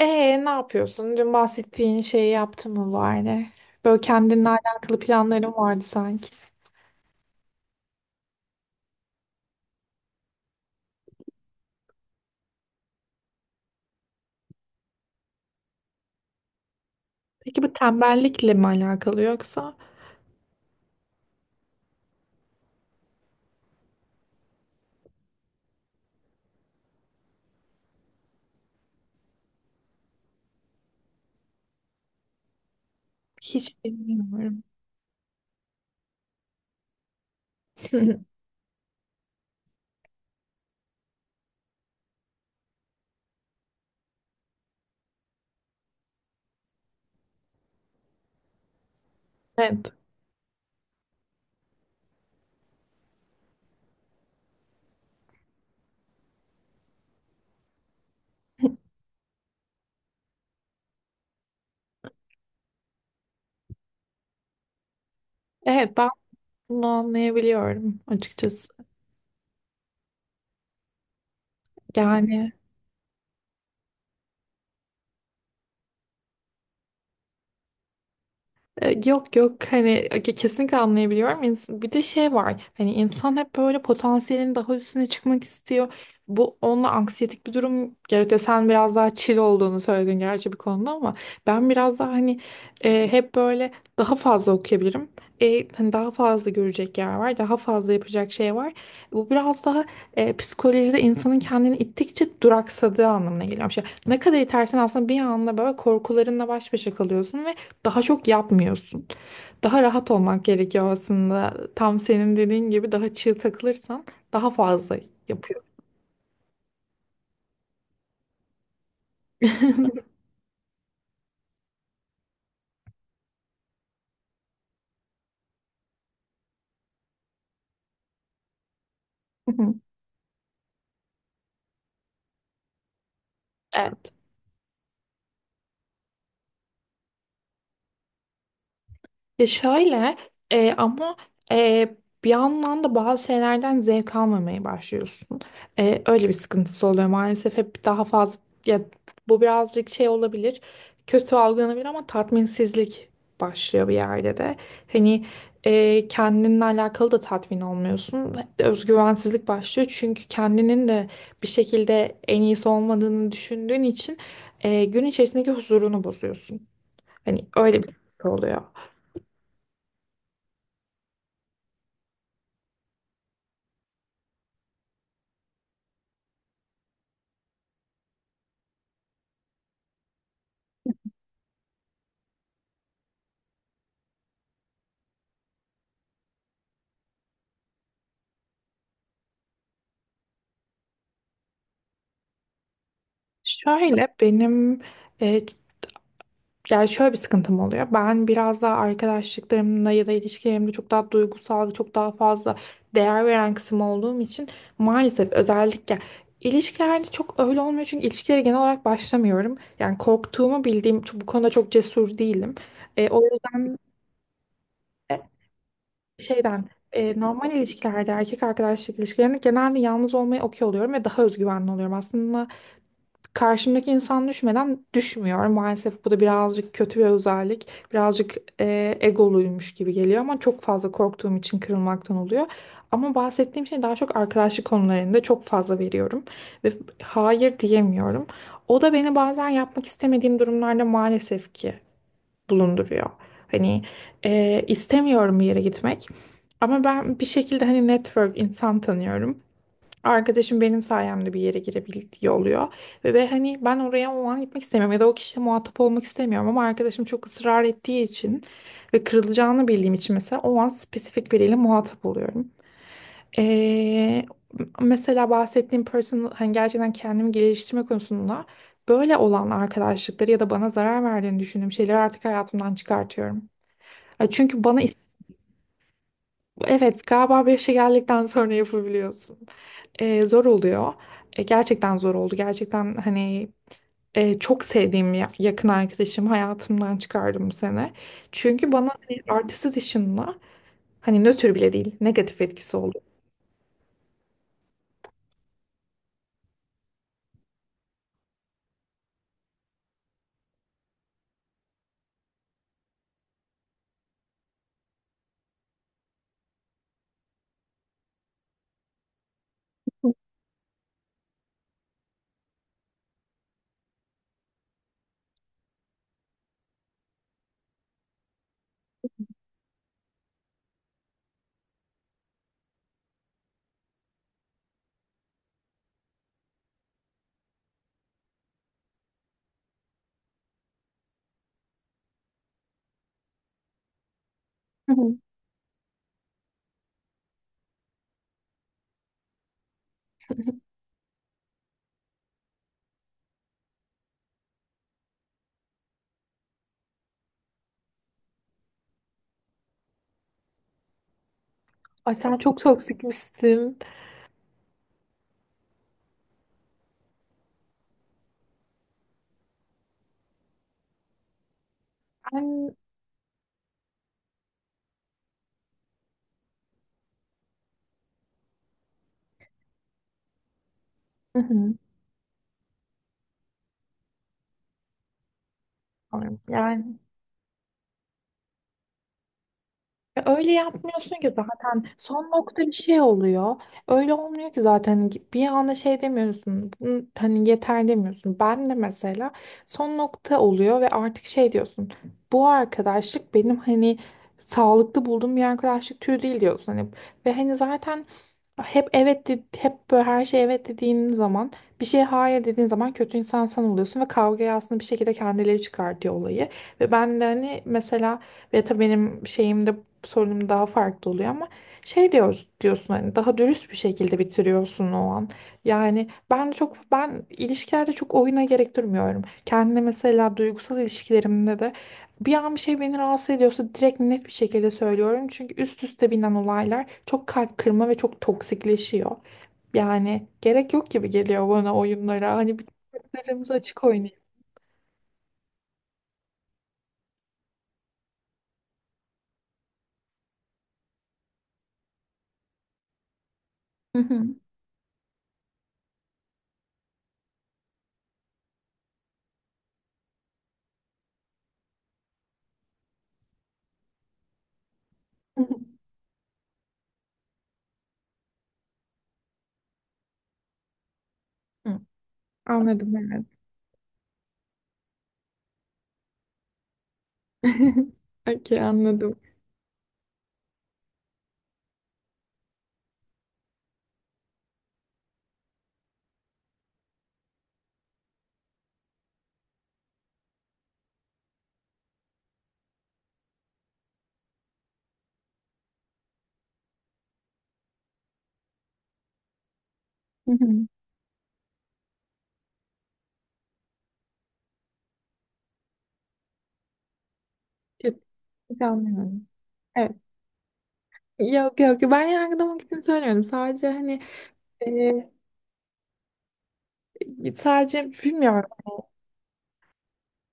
Ne yapıyorsun? Dün bahsettiğin şeyi yaptın mı bari? Böyle kendinle alakalı planların vardı sanki. Peki bu tembellikle mi alakalı yoksa hiç bilmiyorum. Evet. Evet ben bunu anlayabiliyorum açıkçası. Yani yok yok hani kesinlikle anlayabiliyorum. Bir de şey var hani insan hep böyle potansiyelin daha üstüne çıkmak istiyor. Bu onunla anksiyetik bir durum yaratıyor. Sen biraz daha chill olduğunu söyledin gerçi bir konuda ama ben biraz daha hani hep böyle daha fazla okuyabilirim. Hani daha fazla görecek yer var, daha fazla yapacak şey var. Bu biraz daha psikolojide insanın kendini ittikçe duraksadığı anlamına geliyor. Şey, ne kadar itersen aslında bir anda böyle korkularınla baş başa kalıyorsun ve daha çok yapmıyorsun. Daha rahat olmak gerekiyor aslında. Tam senin dediğin gibi daha çığ takılırsan daha fazla yapıyor. Evet. Ya şöyle e, ama e, bir yandan da bazı şeylerden zevk almamaya başlıyorsun. Öyle bir sıkıntısı oluyor maalesef hep daha fazla ya, bu birazcık şey olabilir, kötü algılanabilir ama tatminsizlik başlıyor bir yerde de. Hani kendinle alakalı da tatmin olmuyorsun. Özgüvensizlik başlıyor çünkü kendinin de bir şekilde en iyisi olmadığını düşündüğün için gün içerisindeki huzurunu bozuyorsun. Hani öyle bir sıkıntı oluyor. Şöyle benim e, yani şöyle bir sıkıntım oluyor. Ben biraz daha arkadaşlıklarımla ya da ilişkilerimde çok daha duygusal ve çok daha fazla değer veren kısım olduğum için maalesef özellikle ilişkilerde çok öyle olmuyor. Çünkü ilişkilere genel olarak başlamıyorum. Yani korktuğumu bildiğim bu konuda çok cesur değilim. O yüzden şeyden, normal ilişkilerde, erkek arkadaşlık ilişkilerinde genelde yalnız olmayı okey oluyorum ve daha özgüvenli oluyorum. Aslında karşımdaki insan düşmeden düşmüyor. Maalesef bu da birazcık kötü bir özellik. Birazcık egoluymuş gibi geliyor ama çok fazla korktuğum için kırılmaktan oluyor. Ama bahsettiğim şey daha çok arkadaşlık konularında çok fazla veriyorum ve hayır diyemiyorum. O da beni bazen yapmak istemediğim durumlarda maalesef ki bulunduruyor. Hani istemiyorum bir yere gitmek ama ben bir şekilde hani network insan tanıyorum. Arkadaşım benim sayemde bir yere girebiliyor oluyor. Ve hani ben oraya o an gitmek istemiyorum ya da o kişiyle muhatap olmak istemiyorum ama arkadaşım çok ısrar ettiği için ve kırılacağını bildiğim için mesela o an spesifik biriyle muhatap oluyorum. Ee, Mesela bahsettiğim person hani gerçekten kendimi geliştirme konusunda böyle olan arkadaşlıkları ya da bana zarar verdiğini düşündüğüm şeyleri artık hayatımdan çıkartıyorum. Ya çünkü bana evet galiba bir yaşa geldikten sonra yapabiliyorsun, zor oluyor. Gerçekten zor oldu. Gerçekten hani çok sevdiğim yakın arkadaşım hayatımdan çıkardım bu sene. Çünkü bana hani artist's dışında hani nötr bile değil, negatif etkisi oldu. Hı hı. Ay sen çok toksikmişsin. Ben. Hı hı. Sanırım. Yani ya, öyle yapmıyorsun ki zaten, son nokta bir şey oluyor. Öyle olmuyor ki zaten, bir anda şey demiyorsun. "Bunu-" Hani yeter demiyorsun. Ben de mesela son nokta oluyor ve artık şey diyorsun. Bu arkadaşlık benim hani sağlıklı bulduğum bir arkadaşlık türü değil diyorsun. Hani, ve hani zaten hep hep böyle her şey evet dediğin zaman, bir şey hayır dediğin zaman kötü insan sen oluyorsun ve kavgayı aslında bir şekilde kendileri çıkartıyor olayı. Ve ben de hani mesela ve tabii benim şeyimde sorunum daha farklı oluyor ama şey diyoruz diyorsun hani, daha dürüst bir şekilde bitiriyorsun o an. Yani ben ilişkilerde çok oyuna gerek durmuyorum. Kendine mesela duygusal ilişkilerimde de bir an bir şey beni rahatsız ediyorsa direkt net bir şekilde söylüyorum. Çünkü üst üste binen olaylar çok kalp kırma ve çok toksikleşiyor. Yani gerek yok gibi geliyor bana oyunlara. Hani bir, kartlarımızı açık oynayalım. Hı hı. Hı hı. Hı. Anladım, evet. Okey, anladım. Hı hı. Yok, hiç anlıyorum. Evet. Yok yok, ben yargılamak için söylemiyorum. Sadece hani e, sadece bilmiyorum.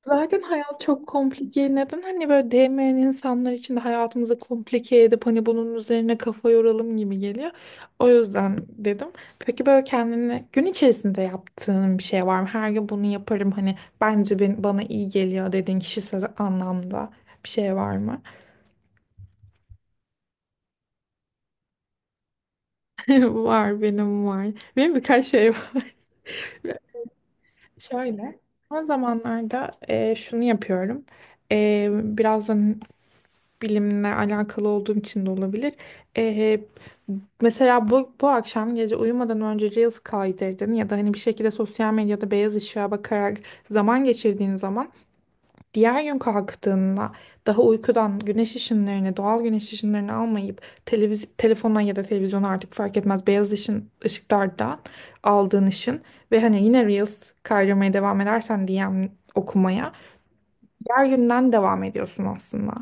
Zaten hayat çok komplike. Neden hani böyle değmeyen insanlar için de hayatımızı komplike edip hani bunun üzerine kafa yoralım gibi geliyor. O yüzden dedim. Peki böyle kendine gün içerisinde yaptığın bir şey var mı? Her gün bunu yaparım hani, bence ben, bana iyi geliyor dediğin kişisel anlamda bir şey var mı? Var, benim var. Benim birkaç şey var. Şöyle, son zamanlarda şunu yapıyorum. Biraz bilimle alakalı olduğum için de olabilir. E, Mesela bu akşam gece uyumadan önce Reels kaydırdın ya da hani bir şekilde sosyal medyada beyaz ışığa bakarak zaman geçirdiğin zaman, diğer gün kalktığında daha uykudan güneş ışınlarını, doğal güneş ışınlarını almayıp telefona ya da televizyona, artık fark etmez, beyaz ışın, ışıklardan aldığın ışın ve hani yine Reels kaydırmaya devam edersen, DM okumaya, diğer günden devam ediyorsun aslında.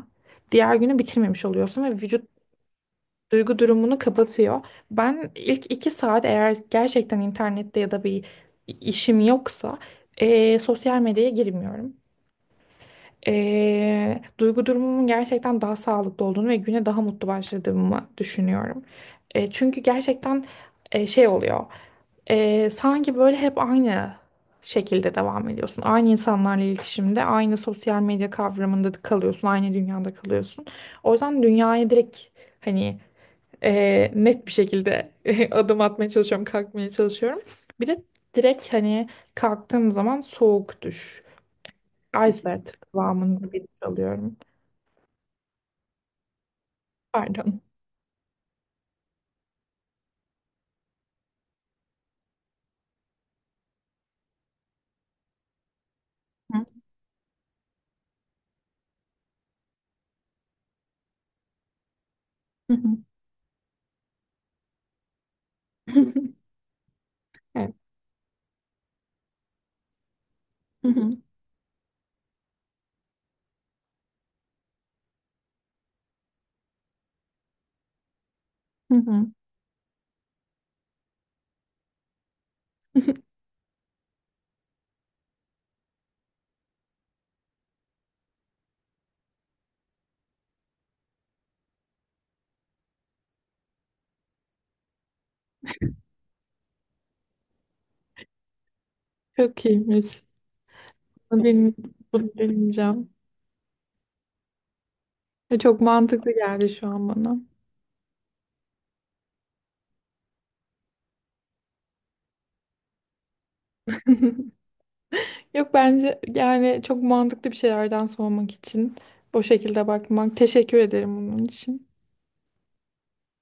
Diğer günü bitirmemiş oluyorsun ve vücut duygu durumunu kapatıyor. Ben ilk 2 saat eğer gerçekten internette ya da bir işim yoksa sosyal medyaya girmiyorum. Duygu durumumun gerçekten daha sağlıklı olduğunu ve güne daha mutlu başladığımı düşünüyorum. Çünkü gerçekten şey oluyor. Sanki böyle hep aynı şekilde devam ediyorsun. Aynı insanlarla iletişimde, aynı sosyal medya kavramında kalıyorsun, aynı dünyada kalıyorsun. O yüzden dünyaya direkt hani net bir şekilde adım atmaya çalışıyorum, kalkmaya çalışıyorum. Bir de direkt hani kalktığım zaman soğuk duş. Iceberg kıvamında bir duş alıyorum. Pardon. Hı hı hı. Evet. Hı hı hı hı. Çok iyiymiş. Bunu bunu deneyeceğim. Ve çok mantıklı geldi şu an bana. Yok bence yani çok mantıklı bir şeylerden sormak için. O şekilde bakmak. Teşekkür ederim bunun için.